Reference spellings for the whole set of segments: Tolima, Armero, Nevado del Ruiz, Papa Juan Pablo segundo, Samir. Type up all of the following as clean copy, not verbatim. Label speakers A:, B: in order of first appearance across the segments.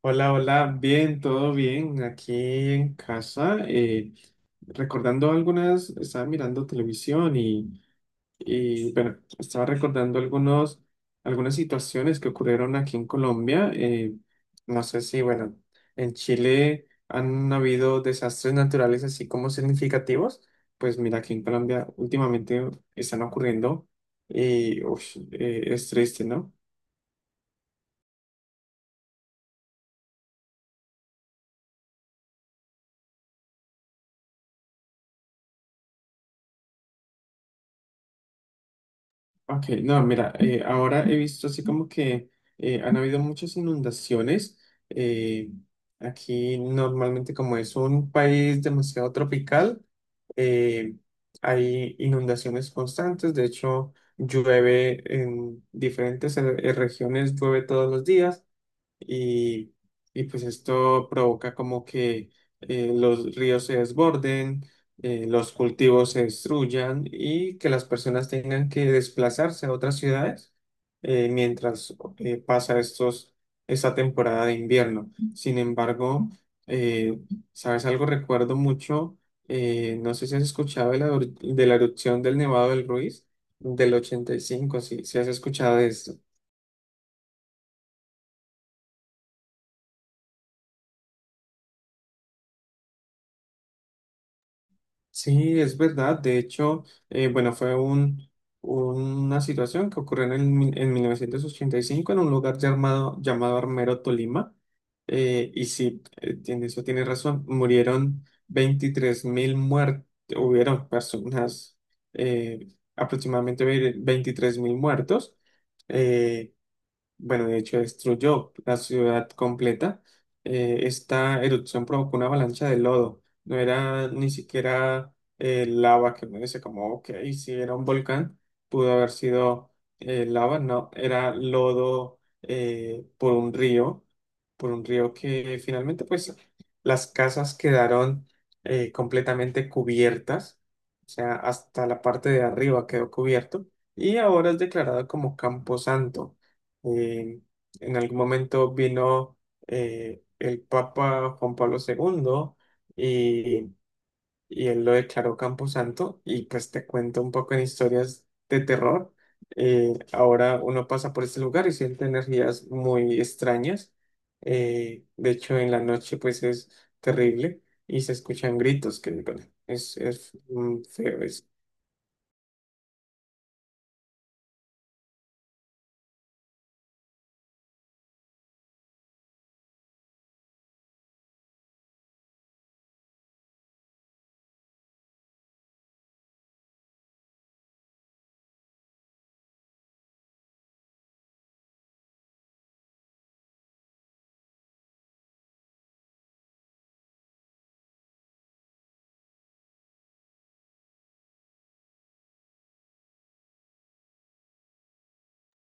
A: Hola, hola, bien, todo bien, aquí en casa. Recordando estaba mirando televisión y, bueno, estaba recordando algunas situaciones que ocurrieron aquí en Colombia. No sé si, bueno, en Chile han habido desastres naturales así como significativos. Pues mira, aquí en Colombia últimamente están ocurriendo y uf, es triste, ¿no? Ok, no, mira, ahora he visto así como que han habido muchas inundaciones. eh, Aquí normalmente como es un país demasiado tropical, eh, hay inundaciones constantes. De hecho, llueve en diferentes regiones, llueve todos los días y, y pues esto provoca como que los ríos se desborden, los cultivos se destruyan y que las personas tengan que desplazarse a otras ciudades mientras pasa esta temporada de invierno. Sin embargo, eh, ¿sabes algo? Recuerdo mucho, no sé si has escuchado de la erupción del Nevado del Ruiz del 85. Si has escuchado de esto. Sí, es verdad. De hecho, bueno, fue una situación que ocurrió en 1985 en un lugar llamado Armero, Tolima. Y sí, eso tiene razón. Murieron 23.000 muertos, hubieron personas, eh, aproximadamente 23.000 muertos. eh, bueno, de hecho destruyó la ciudad completa. Esta erupción provocó una avalancha de lodo. No era ni siquiera lava, que uno dice como, ok, si era un volcán, pudo haber sido lava. No, era lodo por un río que finalmente pues las casas quedaron completamente cubiertas. O sea, hasta la parte de arriba quedó cubierto, y ahora es declarado como camposanto. Eh, en algún momento vino el Papa Juan Pablo II, y, y él lo declaró Camposanto, y pues te cuento un poco en historias de terror. Ahora uno pasa por este lugar y siente energías muy extrañas. De hecho, en la noche pues es terrible y se escuchan gritos que, bueno, es feo.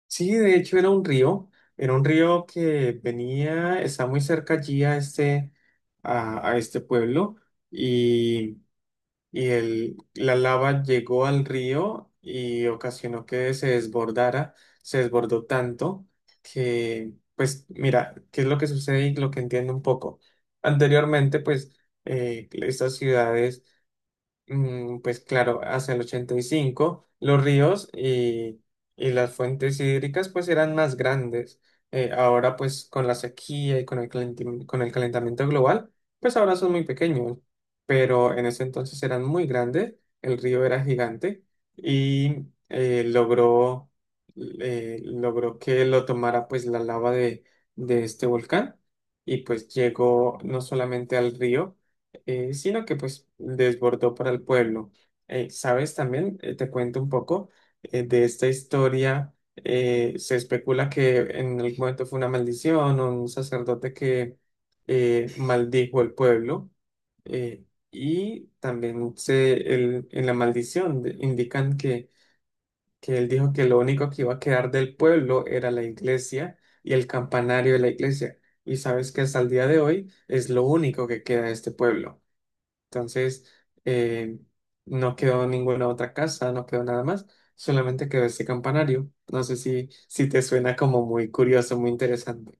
A: Sí, de hecho era un río, que venía, está muy cerca allí a este pueblo, y, y la lava llegó al río y ocasionó que se desbordara, se desbordó tanto que, pues mira, ¿qué es lo que sucede y lo que entiendo un poco? Anteriormente, pues estas ciudades pues claro, hacia el 85 los ríos y las fuentes hídricas pues eran más grandes. Ahora pues con la sequía y con el calentamiento global, pues ahora son muy pequeños, pero en ese entonces eran muy grandes, el río era gigante, y logró que lo tomara pues la lava de este volcán, y pues llegó no solamente al río, sino que pues desbordó para el pueblo. ¿Sabes? También te cuento un poco de esta historia. Se especula que en algún momento fue una maldición, o un sacerdote que maldijo al pueblo. eh, y también en la maldición indican que él dijo que lo único que iba a quedar del pueblo era la iglesia y el campanario de la iglesia. Y sabes que hasta el día de hoy es lo único que queda de este pueblo. Entonces, eh, no quedó ninguna otra casa, no quedó nada más, solamente quedó ese campanario. No sé si te suena como muy curioso, muy interesante.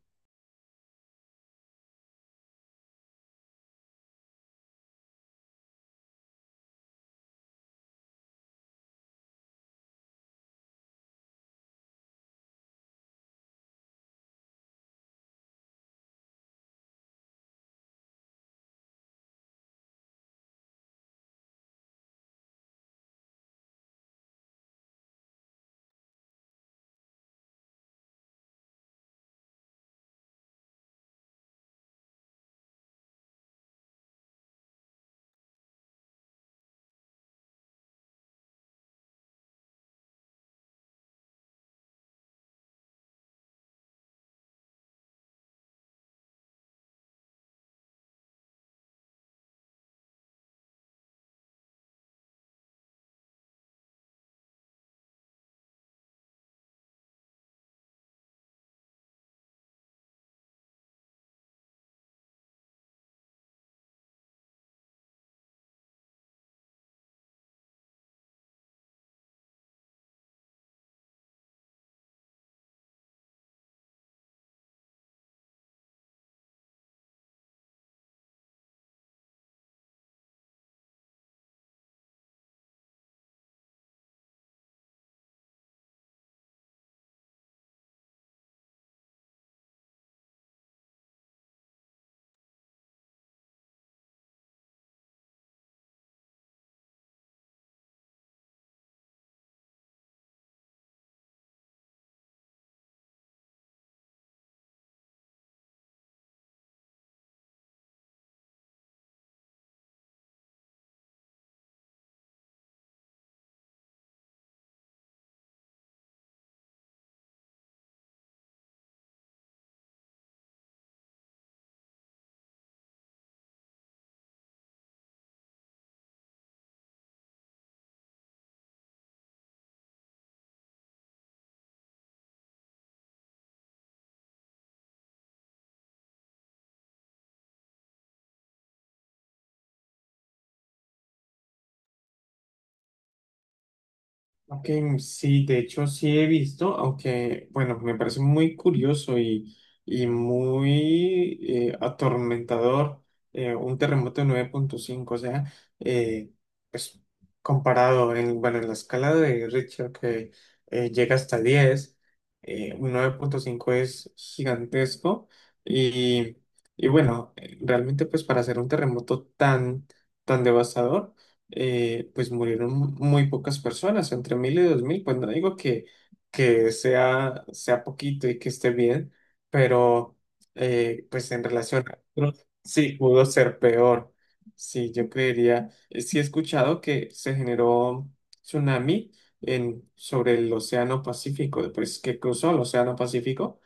A: Ok, sí, de hecho sí he visto, aunque bueno, me parece muy curioso y muy atormentador. Un terremoto de 9,5, o sea, eh, pues comparado en la escala de Richter, que llega hasta 10, un 9,5 es gigantesco, y, y bueno, realmente pues para hacer un terremoto tan, tan devastador, pues murieron muy pocas personas, entre 1.000 y 2.000; pues no digo que sea poquito y que esté bien, pero pues en relación a otros, sí pudo ser peor. Sí, yo creería, sí he escuchado que se generó tsunami sobre el Océano Pacífico, pues que cruzó el Océano Pacífico,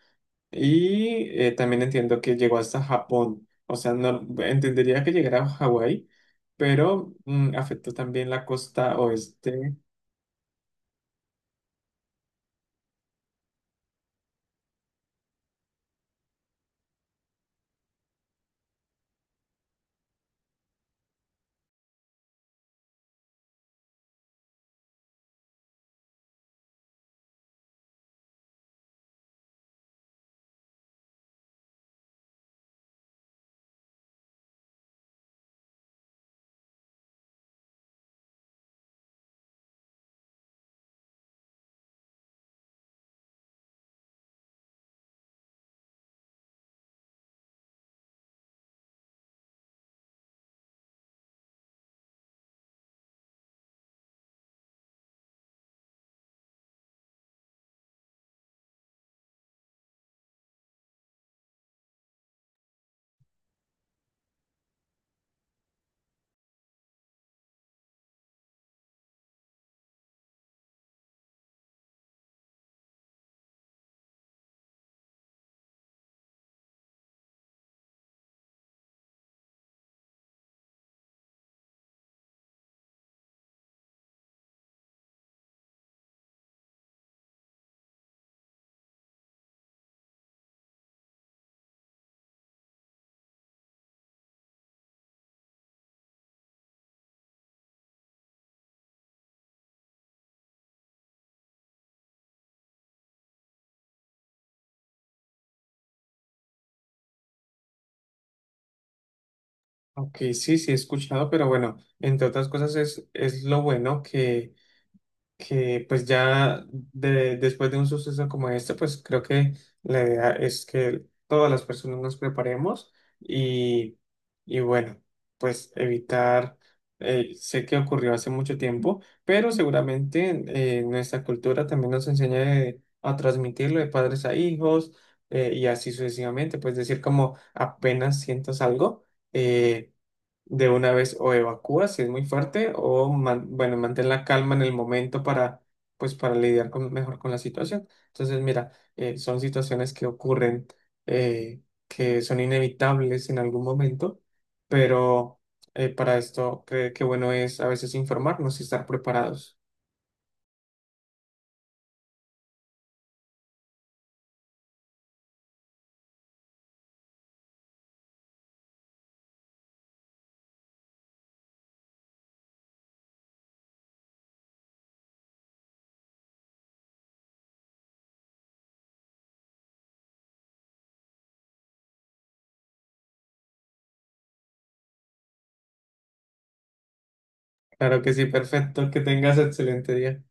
A: y también entiendo que llegó hasta Japón. O sea, no entendería que llegara a Hawái, pero afectó también la costa oeste. Ok, sí, sí he escuchado, pero bueno, entre otras cosas es lo bueno que pues ya después de un suceso como este, pues creo que la idea es que todas las personas nos preparemos, y, y bueno, pues evitar, sé que ocurrió hace mucho tiempo, pero seguramente nuestra cultura también nos enseña a transmitirlo de padres a hijos y así sucesivamente, pues decir como apenas sientas algo, eh, de una vez, o evacúa si es muy fuerte, o bueno, mantén la calma en el momento para para lidiar mejor con la situación. Entonces, mira, son situaciones que ocurren, eh, que son inevitables en algún momento, pero para esto qué bueno es a veces informarnos y estar preparados. Claro que sí, perfecto, que tengas excelente día.